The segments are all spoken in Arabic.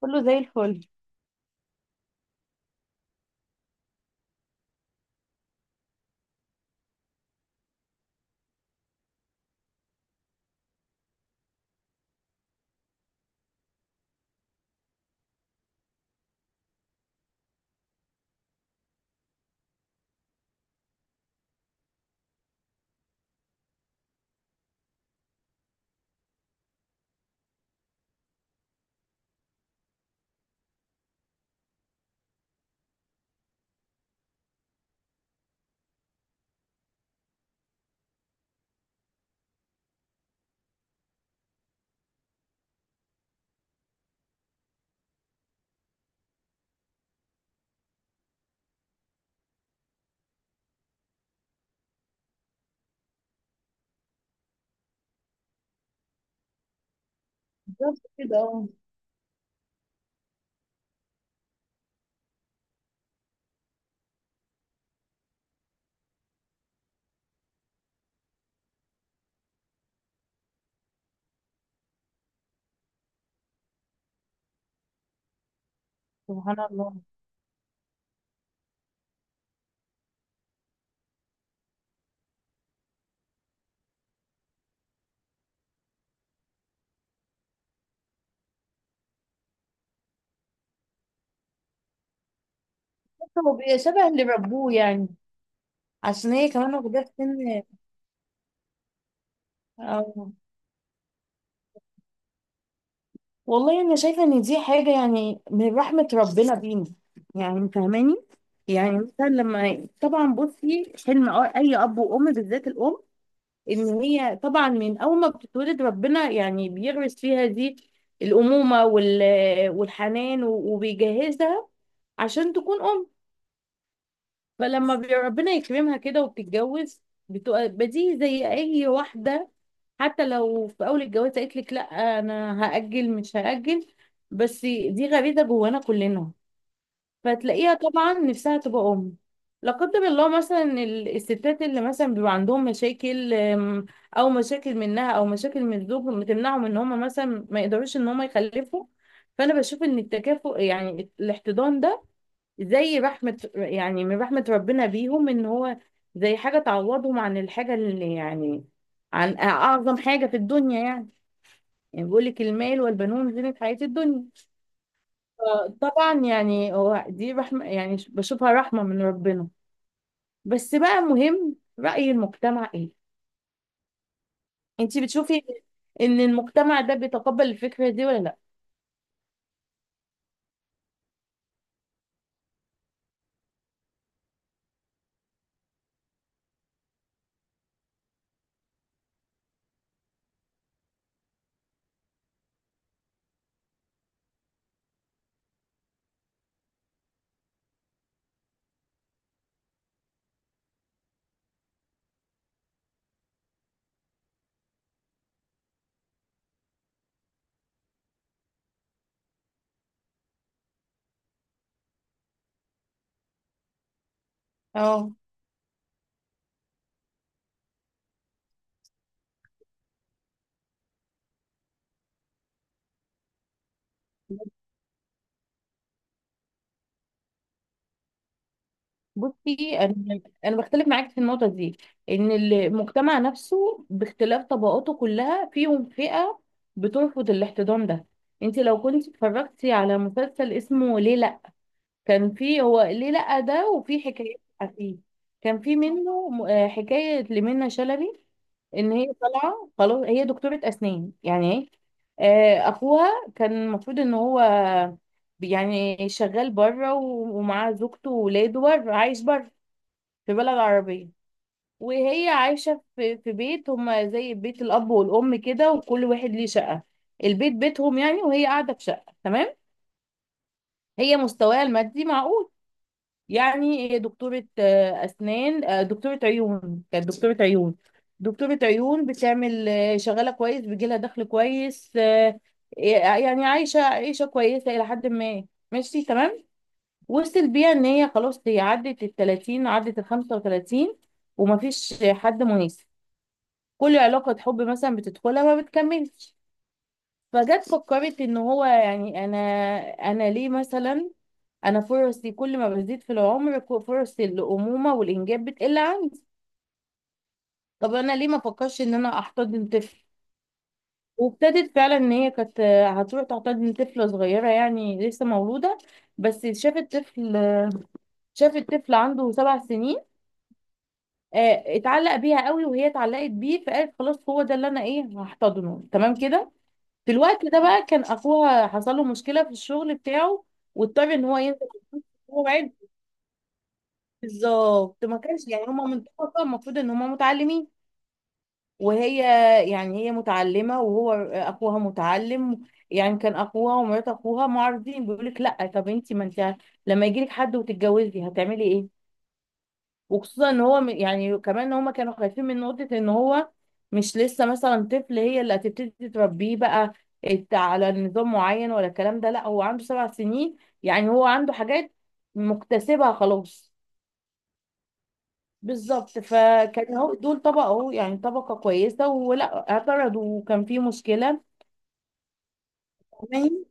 كله زي الفل. بالظبط كده، اه. سبحان الله. هو بيبقى شبه اللي ربوه يعني، عشان هي كمان واخدة سن. أو والله أنا شايفة إن دي حاجة يعني من رحمة ربنا بينا، يعني فاهماني؟ يعني مثلا لما طبعا بصي حلم أي أب وأم بالذات الأم، إن هي طبعا من أول ما بتتولد ربنا يعني بيغرس فيها دي الأمومة والحنان وبيجهزها عشان تكون أم. فلما ربنا يكرمها كده وبتتجوز، بتبقى بديهي زي اي واحده. حتى لو في اول الجواز قالت لك لا، انا هاجل مش هاجل، بس دي غريزه جوانا كلنا. فتلاقيها طبعا نفسها تبقى ام. لا قدر الله، مثلا الستات اللي مثلا بيبقى عندهم مشاكل، او مشاكل منها او مشاكل من الزوج، بتمنعهم ان هم مثلا ما يقدروش ان هم يخلفوا. فانا بشوف ان التكافؤ يعني الاحتضان ده زي رحمة، يعني من رحمة ربنا بيهم، ان هو زي حاجة تعوضهم عن الحاجة اللي يعني عن اعظم حاجة في الدنيا يعني. يعني بيقول لك المال والبنون زينة حياة الدنيا. طبعا يعني هو دي رحمة، يعني بشوفها رحمة من ربنا. بس بقى مهم رأي المجتمع ايه؟ انتي بتشوفي ان المجتمع ده بيتقبل الفكرة دي ولا لا؟ اه. بصي، انا بختلف معاك في النقطه دي، ان المجتمع نفسه باختلاف طبقاته كلها فيهم فئه بترفض الاحتضان ده. انت لو كنت اتفرجتي على مسلسل اسمه ليه لا، كان فيه هو ليه لا ده، وفي حكايات فيه. كان في منه حكايه لمنى شلبي، ان هي طالعه خلاص هي دكتوره اسنان يعني، ايه اخوها. كان المفروض ان هو يعني شغال بره ومعاه زوجته وولاده بره، عايش بره في بلد عربية. وهي عايشة في بيت، هما زي بيت الأب والأم كده وكل واحد ليه شقة، البيت بيتهم يعني، وهي قاعدة في شقة تمام. هي مستواها المادي معقول، يعني هي دكتورة آه، أسنان آه، دكتورة عيون، كانت دكتورة عيون. دكتورة عيون بتعمل، شغالة كويس، بيجيلها دخل كويس، آه، يعني عايشة عيشة كويسة إلى حد ما، ماشي تمام. وصل بيها إن هي خلاص هي عدت التلاتين، عدت الخمسة وتلاتين، ومفيش حد مناسب. كل علاقة حب مثلا بتدخلها ما بتكملش. فجت فكرت ان هو يعني انا ليه مثلا؟ انا فرصي كل ما بزيد في العمر فرص الامومه والانجاب بتقل عندي. طب انا ليه ما فكرش ان انا احتضن طفل؟ وابتدت فعلا ان هي كانت هتروح تحتضن طفله صغيره، يعني لسه مولوده، بس شافت طفل، شافت طفل عنده سبع سنين. اتعلق بيها قوي وهي اتعلقت بيه، فقالت خلاص هو ده اللي انا ايه هحتضنه، تمام كده. في الوقت ده بقى كان اخوها حصل له مشكله في الشغل بتاعه، واضطر ان هو ينزل. موعد. بالظبط ما كانش، يعني هما من طبقه المفروض ان هما متعلمين، وهي يعني هي متعلمه وهو اخوها متعلم. يعني كان اخوها ومرات اخوها معارضين، بيقول لك لا طب انت، ما انت لما يجي لك حد وتتجوزي هتعملي ايه؟ وخصوصا ان هو يعني كمان ان هما كانوا خايفين من نقطة ان هو مش لسه مثلا طفل هي اللي هتبتدي تربيه بقى على نظام معين، ولا الكلام ده لا هو عنده سبع سنين، يعني هو عنده حاجات مكتسبها خلاص. بالظبط، فكان هو دول طبقة اهو يعني طبقة كويسة، ولا اعترضوا، وكان في مشكلة. فاهماني؟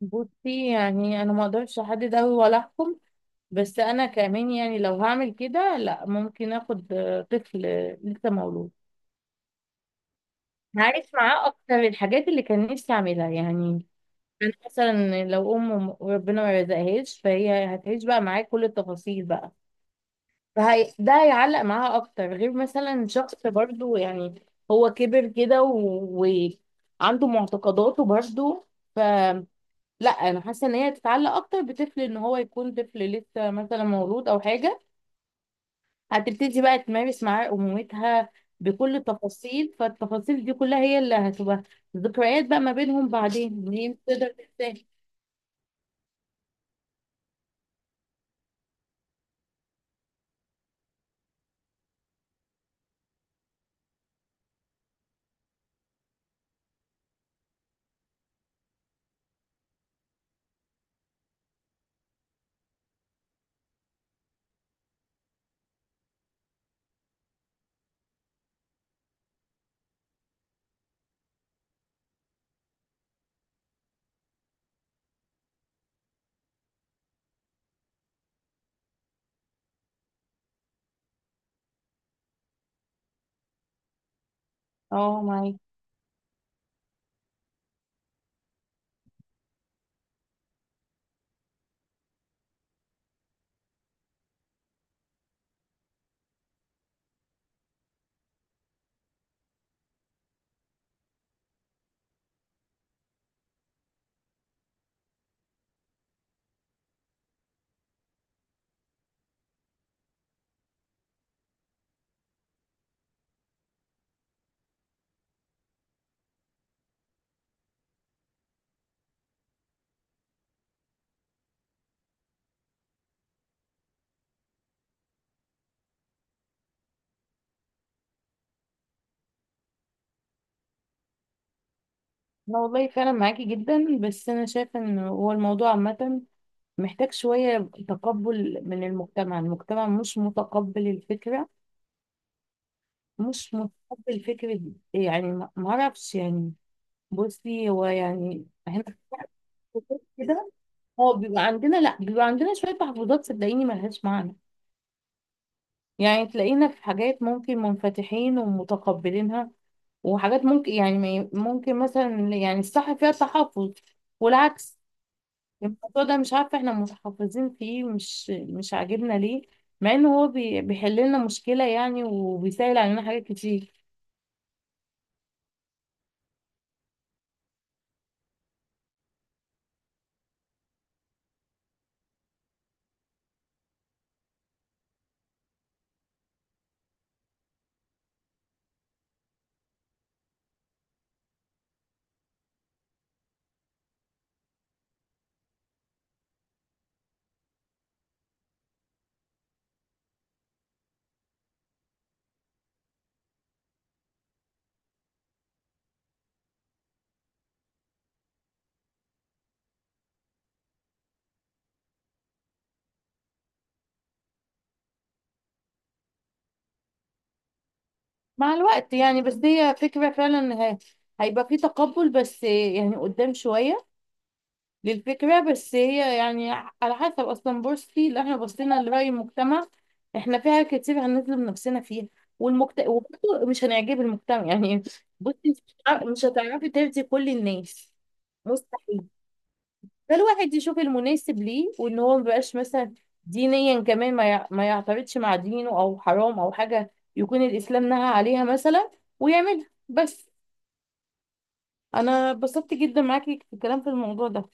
بصي يعني انا ما اقدرش احدد قوي ولا احكم، بس انا كمان يعني لو هعمل كده، لا، ممكن اخد طفل لسه مولود، هعيش معاه اكتر الحاجات اللي كان نفسي اعملها يعني. انا مثلا لو ام ربنا ما رزقهاش، فهي هتعيش بقى معاه كل التفاصيل بقى. فهي ده هيعلق معاها اكتر غير مثلا شخص برضو، يعني هو كبر كده وعنده معتقداته برضو. ف لا، انا حاسه ان هي تتعلق اكتر بطفل، ان هو يكون طفل لسه مثلا مولود او حاجه، هتبتدي بقى تمارس معاه أمومتها بكل التفاصيل. فالتفاصيل دي كلها هي اللي هتبقى ذكريات بقى ما بينهم بعدين، إن هي مش تقدر تنساها. اه، معاكي. انا والله فعلا معاكي جدا، بس انا شايفه ان هو الموضوع عامه محتاج شويه تقبل من المجتمع. المجتمع مش متقبل الفكره، مش متقبل فكره. يعني ما اعرفش يعني، بصي هو يعني احنا كده، هو بيبقى عندنا، لا بيبقى عندنا شويه تحفظات صدقيني ملهاش معنى. يعني تلاقينا في حاجات ممكن منفتحين ومتقبلينها، وحاجات ممكن يعني ما ي- ممكن مثلا يعني الصح فيها تحفظ، والعكس. الموضوع ده مش عارفة احنا متحفظين فيه، مش عاجبنا ليه، مع انه هو بيحل لنا مشكلة يعني، وبيسهل علينا حاجات كتير. مع الوقت يعني، بس هي فكرة فعلا هيبقى فيه تقبل، بس يعني قدام شوية للفكرة. بس هي يعني على حسب، أصلا بورصتي اللي احنا بصينا لرأي المجتمع احنا فيها كتير هنظلم نفسنا فيها، والمجتمع وبرضه مش هنعجب المجتمع يعني. بصي مش مش هتعرفي ترضي كل الناس، مستحيل. فالواحد يشوف المناسب ليه، وان هو مبقاش مثلا دينيا كمان ما يعترضش مع دينه، او حرام او حاجة يكون الإسلام نهى عليها مثلا ويعملها، بس. انا اتبسطت جدا معاكي في الكلام في الموضوع ده،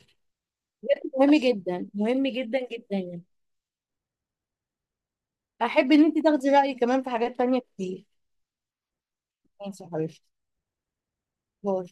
مهم جدا مهم جدا جدا يعني. احب ان انت تاخدي رايي كمان في حاجات تانية كتير. ماشي يا حبيبتي، باي.